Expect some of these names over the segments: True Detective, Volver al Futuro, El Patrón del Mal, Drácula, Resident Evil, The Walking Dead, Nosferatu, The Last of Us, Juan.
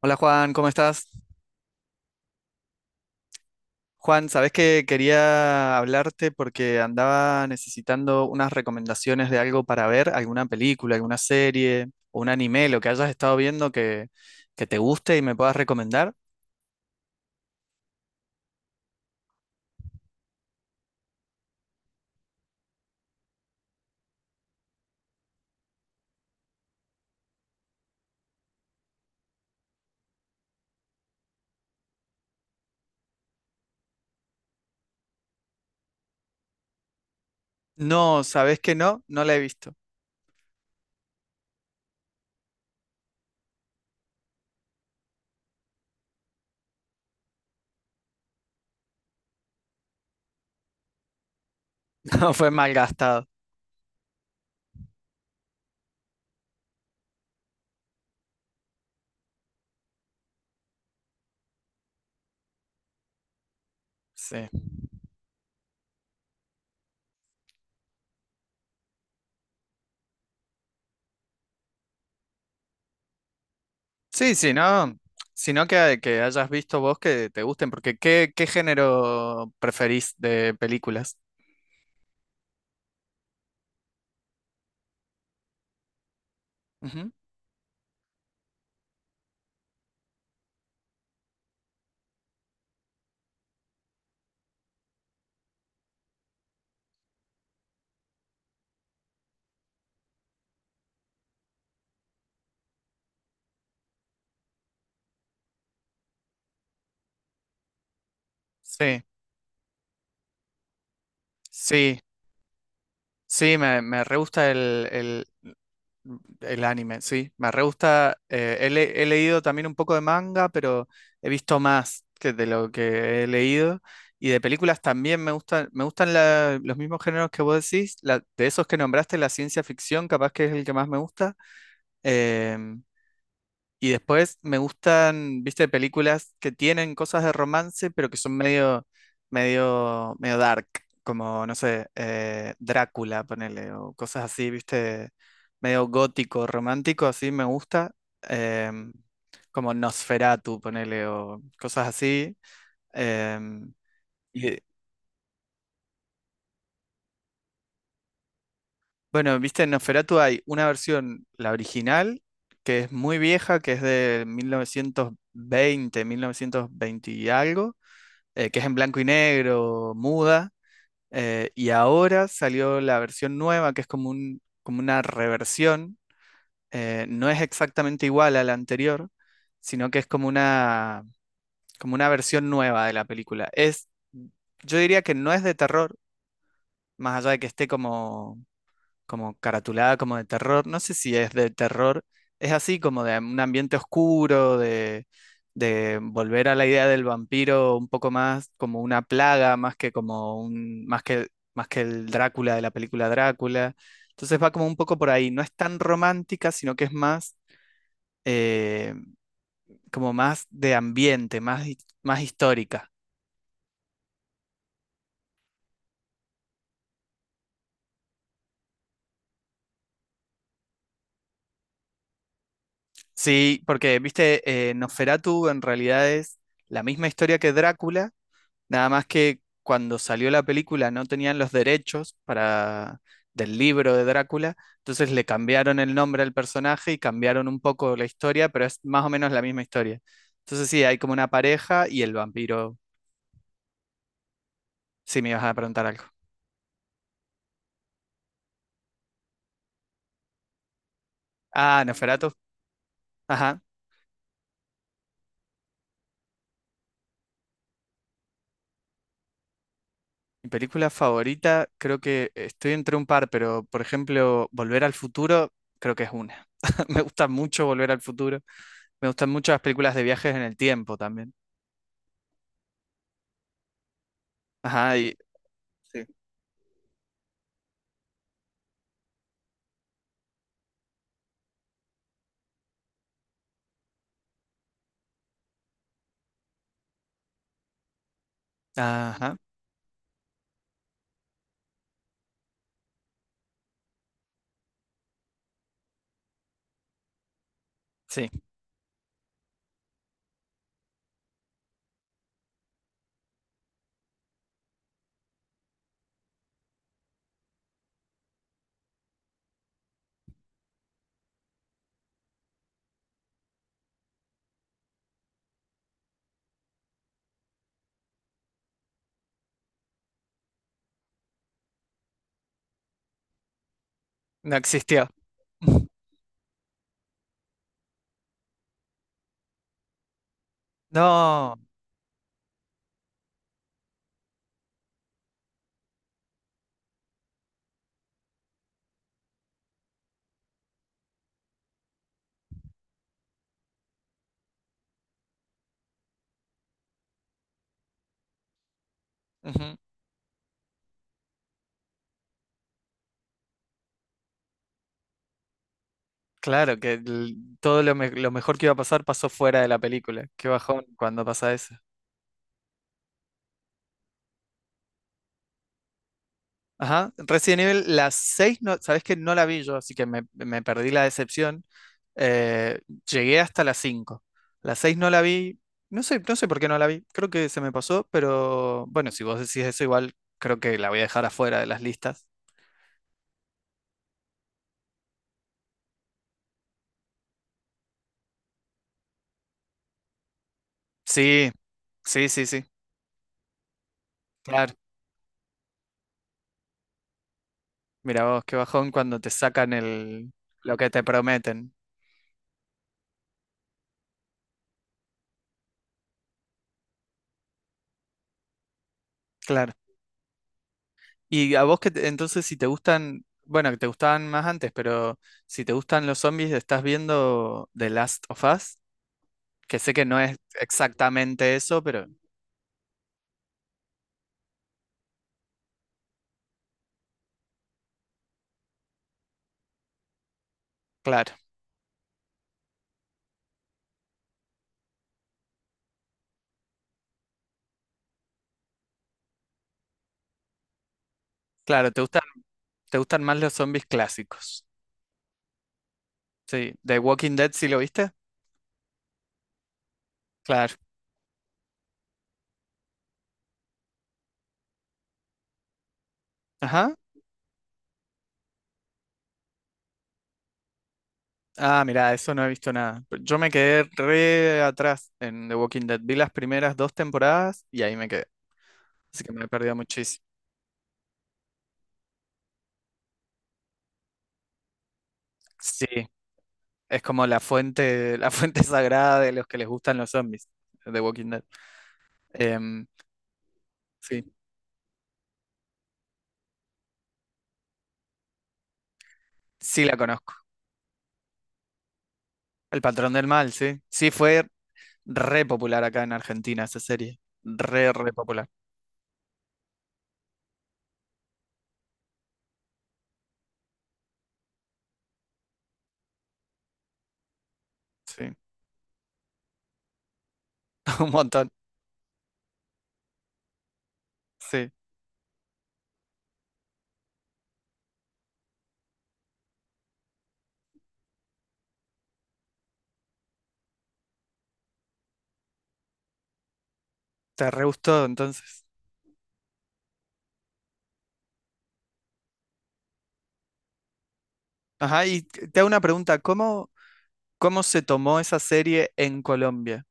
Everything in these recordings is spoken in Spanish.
Hola Juan, ¿cómo estás? Juan, sabes que quería hablarte porque andaba necesitando unas recomendaciones de algo para ver, alguna película, alguna serie o un anime, lo que hayas estado viendo que te guste y me puedas recomendar. No, sabes que no la he visto. No, fue malgastado. Sí. Sí, sí, no. Sino que hayas visto vos que te gusten, porque qué género preferís de películas? Ujú. Sí, sí, sí, me re gusta el anime, sí. Me re gusta. He leído también un poco de manga, pero he visto más que de lo que he leído. Y de películas también me me gustan los mismos géneros que vos decís. De esos que nombraste, la ciencia ficción, capaz que es el que más me gusta. Em, y después me gustan, viste, películas que tienen cosas de romance, pero que son medio dark, como, no sé, Drácula, ponele, o cosas así, viste, medio gótico, romántico, así me gusta, em, como Nosferatu, ponele, o cosas así. em, y, bueno, viste, en Nosferatu hay una versión, la original, que es muy vieja, que es de 1920, 1920 y algo que es en blanco y negro, muda, y ahora salió la versión nueva, que es como como una reversión, no es exactamente igual a la anterior, sino que es como como una versión nueva de la película. Yo diría que no es de terror, más allá de que esté como caratulada como de terror, no sé si es de terror, es así como de un ambiente oscuro, de volver a la idea del vampiro un poco más como una plaga, más que como más que el Drácula de la película Drácula. Entonces va como un poco por ahí, no es tan romántica, sino que es más eh, como más de ambiente, más histórica. Sí, porque, viste, Nosferatu en realidad es la misma historia que Drácula. Nada más que cuando salió la película no tenían los derechos para del libro de Drácula, entonces le cambiaron el nombre al personaje y cambiaron un poco la historia, pero es más o menos la misma historia. Entonces sí, hay como una pareja y el vampiro. Sí, me ibas a preguntar algo. Ah, Nosferatu. Ajá. Mi película favorita, creo que estoy entre un par, pero por ejemplo, Volver al Futuro, creo que es una. Me gusta mucho Volver al Futuro. Me gustan mucho las películas de viajes en el tiempo también. Ajá, y, sí. Ajá. Sí, no existió. No, ujú. Claro, que lo mejor que iba a pasar pasó fuera de la película. Qué bajón cuando pasa eso. Ajá, Resident Evil, las seis, no, sabes que no la vi yo, así que me perdí la decepción. Eh, Llegué hasta las 5. Las 6 no la vi, no sé, no sé por qué no la vi, creo que se me pasó, pero bueno, si vos decís eso, igual creo que la voy a dejar afuera de las listas. Sí, sí, sí, sí. Claro. Mira vos, qué bajón cuando te sacan el lo que te prometen. Claro. Y a vos que entonces si te gustan, bueno, que te gustaban más antes, pero si te gustan los zombies, estás viendo The Last of Us, que sé que no es exactamente eso, pero claro, claro, te gustan más los zombies clásicos. Sí, The Walking Dead, ¿sí lo viste? Claro. Ajá. Ah, mira, eso no he visto nada. Pero yo me quedé re atrás en The Walking Dead. Vi las primeras dos temporadas y ahí me quedé. Así que me he perdido muchísimo. Sí, es como la fuente sagrada de los que les gustan los zombies, de Walking Dead. Em, sí, sí la conozco. El patrón del mal, sí. Sí, fue re popular acá en Argentina esa serie. Re, re popular. Sí, un montón. Sí, te re gustó entonces. Ajá, y te te hago una pregunta, ¿cómo se tomó esa serie en Colombia?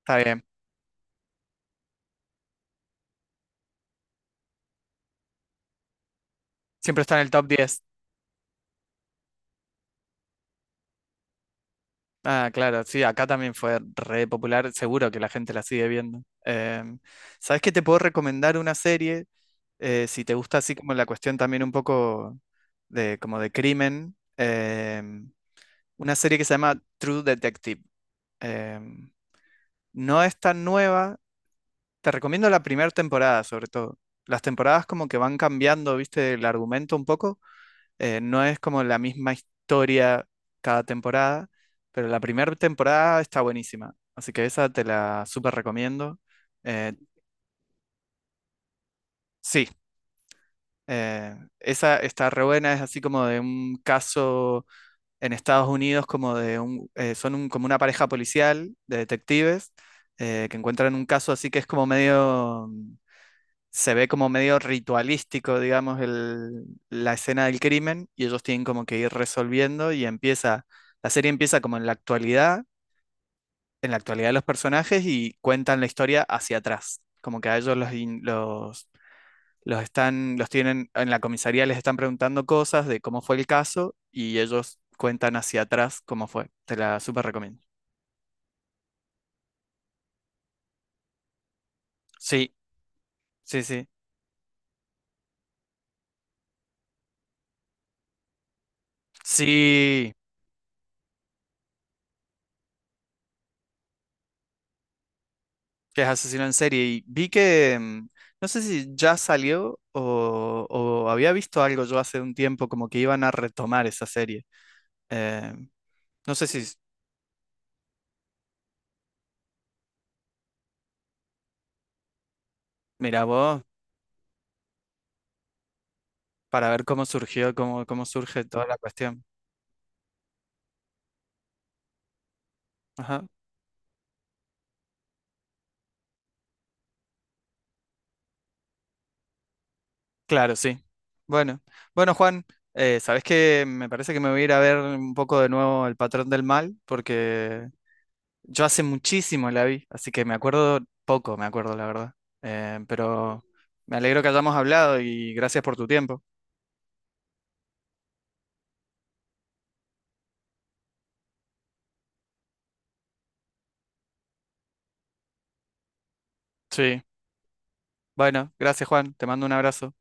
Está bien, siempre está en el top 10. Ah, claro, sí, acá también fue re popular, seguro que la gente la sigue viendo. ¿Sabes qué? Te puedo recomendar una serie, si te gusta así como la cuestión también un poco de como de crimen, una serie que se llama True Detective. Em, no es tan nueva, te recomiendo la primera temporada sobre todo. Las temporadas como que van cambiando, viste, el argumento un poco, no es como la misma historia cada temporada, pero la primera temporada está buenísima. Así que esa te la súper recomiendo. Eh, sí, eh, esa está re buena, es así como de un caso en Estados Unidos, como de un, como una pareja policial de detectives que encuentran un caso así que es como medio se ve como medio ritualístico, digamos, la escena del crimen y ellos tienen como que ir resolviendo y la serie empieza como en la actualidad de los personajes y cuentan la historia hacia atrás, como que a ellos los están, los tienen en la comisaría, les están preguntando cosas de cómo fue el caso y ellos cuentan hacia atrás cómo fue. Te la súper recomiendo. Sí, sí, sí. Sí. Que es asesino en serie. Y vi que, mm, no sé si ya salió o había visto algo yo hace un tiempo como que iban a retomar esa serie. Eh, no sé si, s- mira vos, para ver cómo surgió, cómo surge toda la cuestión. Ajá. Claro, sí. Bueno, bueno, Juan, ¿sabés qué? Me parece que me voy a ir a ver un poco de nuevo El Patrón del Mal porque yo hace muchísimo la vi, así que me acuerdo poco, me acuerdo la verdad. Pero me alegro que hayamos hablado y gracias por tu tiempo. Sí, bueno, gracias Juan, te mando un abrazo.